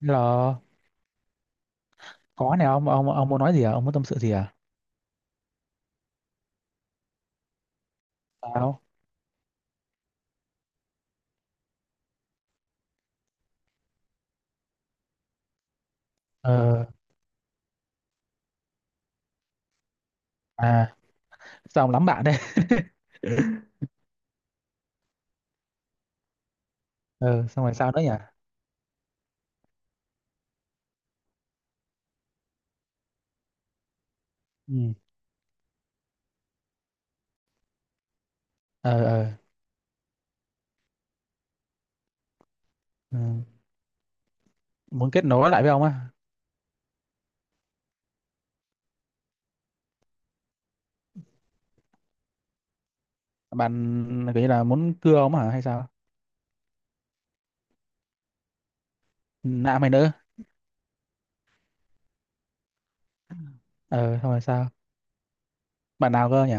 Là có này ông muốn nói gì à? Ông muốn tâm sự gì à? Sao? Ờ, à. Sao ông lắm bạn đấy? Ờ, xong rồi sao nữa nhỉ? Ừ. Ờ, ờ. Ừ. Muốn kết nối lại với ông á? Bạn kiểu như là muốn cưa ông hả hay sao? Nạ mày nữa. Ờ, xong rồi sao? Bạn nào cơ nhỉ?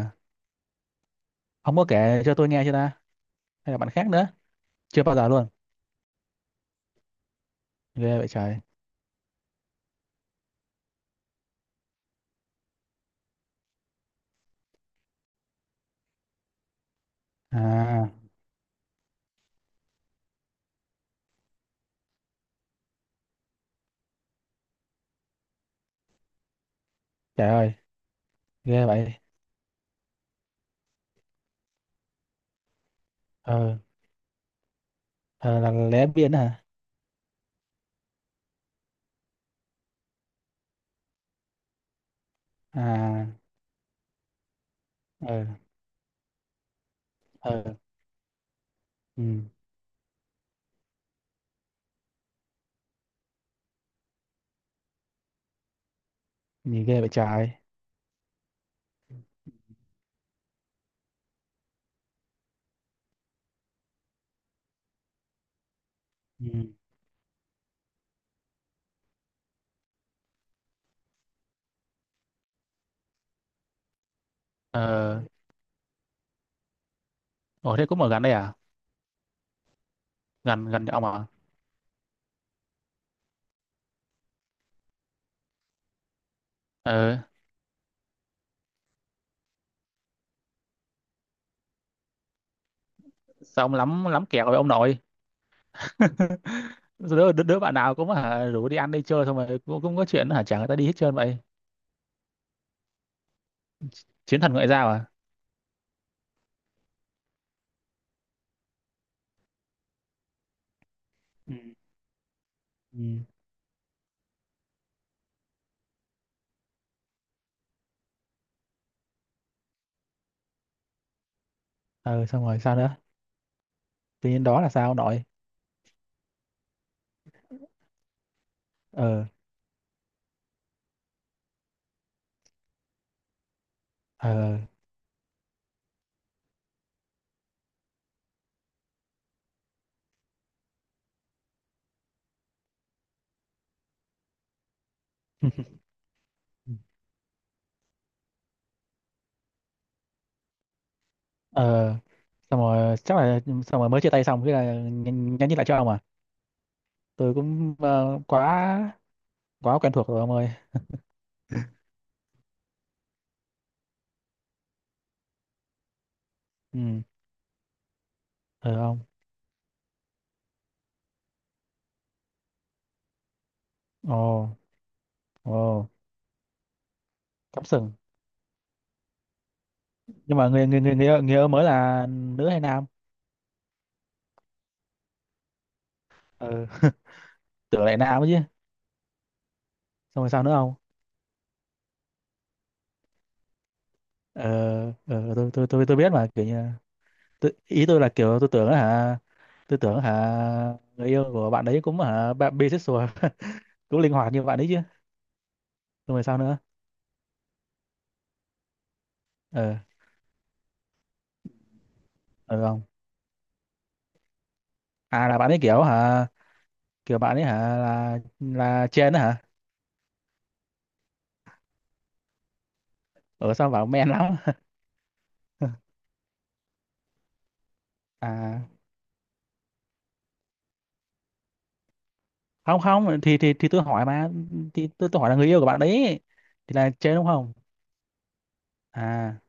Ông có kể cho tôi nghe chưa ta? Hay là bạn khác nữa? Chưa bao giờ luôn. Ghê vậy trời. À, trời ơi, ghê vậy. Ờ. Ờ, là lé biên hả? À. Ờ. Ờ, ừ, nhìn ghê vậy trời. Ừ. Ờ. Ồ, thế cũng ở gần đây à? Gần gần nhà ông à? Ờ, sao ông lắm lắm kẹo với ông nội. Đứa bạn nào cũng hả rủ đi ăn đi chơi xong rồi cũng có chuyện hả chả người ta đi hết trơn vậy. Chiến thần ngoại giao à? Ừ. Ừ. Ờ, xong rồi sao nữa? Tự nhiên đó là sao ông nội? Ờ. Ờ. Ờ, xong rồi chắc là xong rồi mới chia tay xong cái là nhắn nhắn tin lại cho ông à? Tôi cũng quá quá quen thuộc rồi ông ơi. Ừ. Ờ, ông. Ồ. Ồ. Cắm sừng. Nhưng mà người người người người, người, yêu mới là nữ hay nam? Ừ. Tưởng lại nam chứ. Xong rồi sao nữa không? Ờ. Ờ, tôi biết mà kiểu như ý tôi là kiểu tôi tưởng hả. Tôi tưởng hả người yêu của bạn ấy cũng hả bạn bisexual. Cũng linh hoạt như bạn ấy chứ. Xong rồi sao nữa? Ờ, ờ, không à. Là bạn ấy kiểu hả kiểu bạn ấy hả là trên đó hả? Ở sao bảo men lắm? À, không. Không thì tôi hỏi mà. Thì tôi hỏi là người yêu của bạn đấy thì là trên đúng không? À,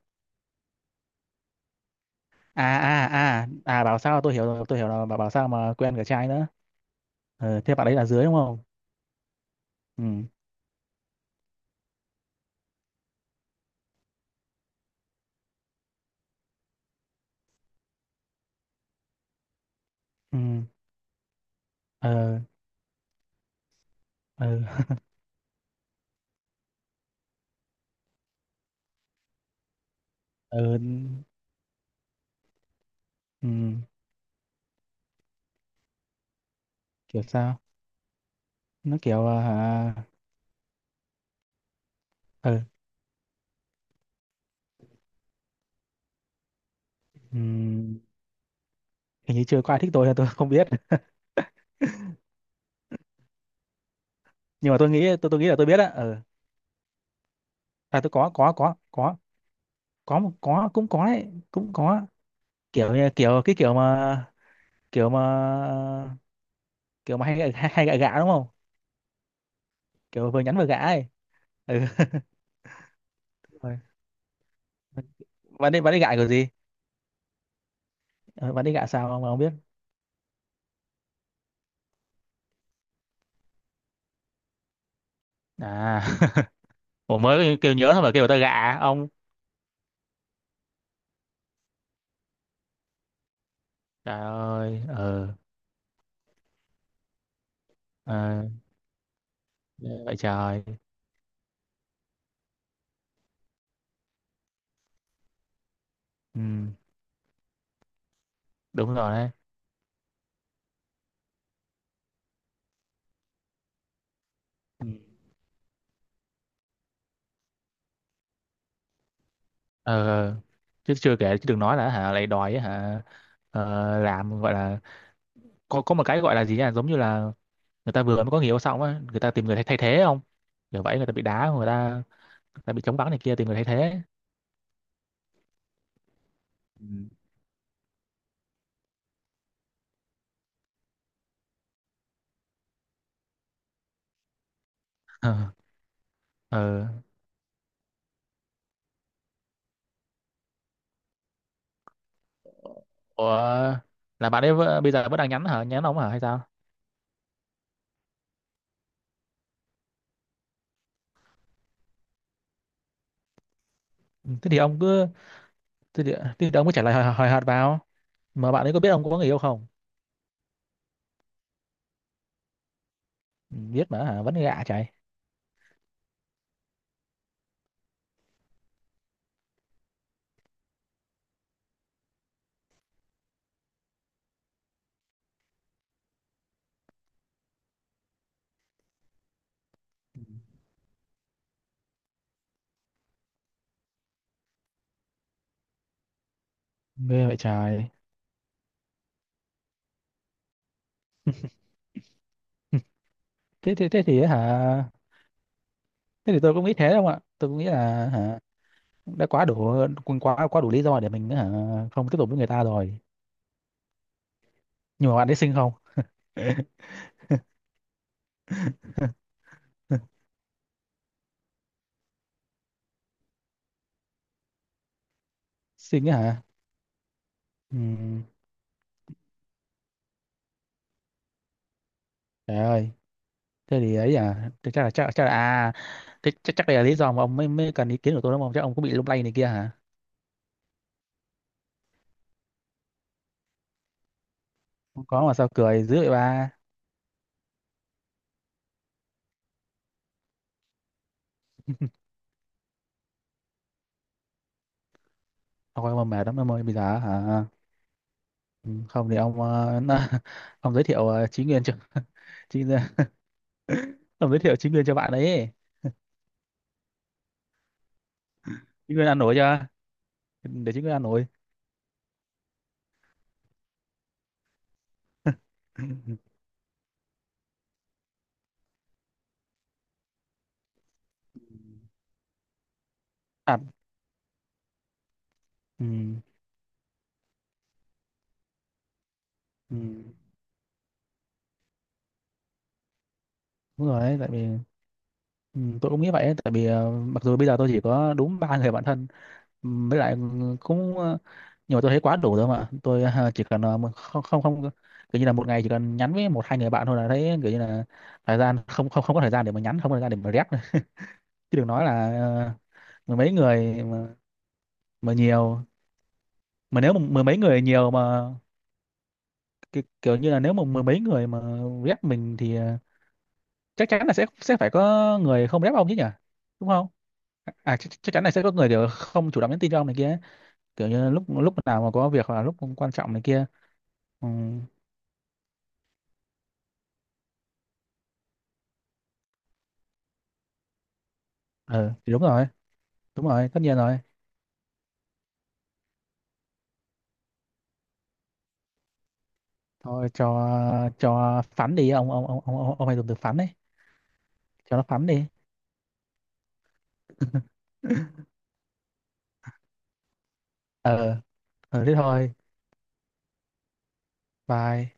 à, à, à, à, bảo sao tôi hiểu rồi tôi hiểu là bảo bảo sao mà quen cả trai nữa. Ờ, thế bạn ấy là dưới đúng không? Ừ. Ừ. Ờ. Ờ. Ờ. Ừ. Kiểu sao? Nó kiểu à, hả? Ờ. Ừ. Hình như chưa có ai thích tôi. Tôi không biết. Nhưng mà tôi nghĩ là tôi biết á. Ờ À, tôi có có một có cũng có đấy cũng có kiểu kiểu cái kiểu mà kiểu mà kiểu mà hay gạ gạ đúng không? Kiểu vừa nhắn vừa gạ ấy. Ừ. Rồi. Bạn ấy gạ kiểu gì? Ờ, bạn đi gạ sao ông mà không biết? À. Ủa mới kêu nhớ thôi mà kêu người ta gạ. Ông. Trời ơi. Ờ ờ, vậy trời. Ừ, đúng rồi đấy. Ừ. Ờ, ờ. Chứ chưa kể chứ đừng nói là hả lại đòi ấy, hả. Ờ, làm gọi là có một cái gọi là gì nhỉ giống như là người ta vừa mới có người yêu xong á người ta tìm người thay thay thế không? Kiểu vậy người ta bị đá người ta bị chống vắng này kia tìm người thay thế. Ừ. Ờ, ờ. Ủa là bây giờ vẫn đang nhắn hả nhắn ông hả hay sao? Ừ, thế thì ông cứ thế thì ông cứ trả lời hời hợt vào. Mà bạn ấy có biết ông có người yêu không? Ừ, biết mà hả vẫn gạ chạy. Ừ, mê vậy trời. thế thế thế thì hả thế thì tôi cũng nghĩ thế không ạ tôi cũng nghĩ là hả đã quá đủ. Cũng quá quá đủ lý do để mình hả không tiếp tục với người ta rồi. Nhưng mà bạn ấy xinh không? Xinh á hả? Ừ, trời ơi. Thế thì ấy à thế chắc là chắc là à thế chắc chắc đây là lý do mà ông mới mới cần ý kiến của tôi đúng không chắc ông cũng bị lung lay này kia hả? Không có mà sao cười dữ vậy ba. Thôi mà mệt lắm em ơi bây giờ hả. Ừ, không thì ông ông giới thiệu Chí Nguyên cho. Chí Nguyên. Ông giới thiệu Chí Nguyên cho bạn ấy. Chí Nguyên ăn nổi chưa? Để Chí Nguyên ăn nổi. Thật. Ừ, ừ, đúng rồi đấy, tại vì ừ, tôi cũng nghĩ vậy ấy, tại vì mặc dù bây giờ tôi chỉ có đúng ba người bạn thân. Ừ, với lại cũng nhưng mà tôi thấy quá đủ rồi mà tôi chỉ cần không, không, không, kiểu như là một ngày chỉ cần nhắn với một hai người bạn thôi là thấy kiểu như là thời gian không không không có thời gian để mà nhắn không có thời gian để mà rep. Chứ đừng nói là mười mấy người mà nhiều mà nếu mà mười mấy người nhiều mà kiểu như là nếu mà mười mấy người mà rep mình thì chắc chắn là sẽ phải có người không rep ông chứ nhỉ đúng không? À chắc chắn là sẽ có người kiểu không chủ động nhắn tin cho ông này kia kiểu như lúc lúc nào mà có việc hoặc là lúc quan trọng này kia. Ừ, ừ thì đúng rồi tất nhiên rồi. Thôi cho phán đi ông ông hay dùng từ phán đấy. Cho nó phán đi. Ờ. Ừ, thế thôi. Bye.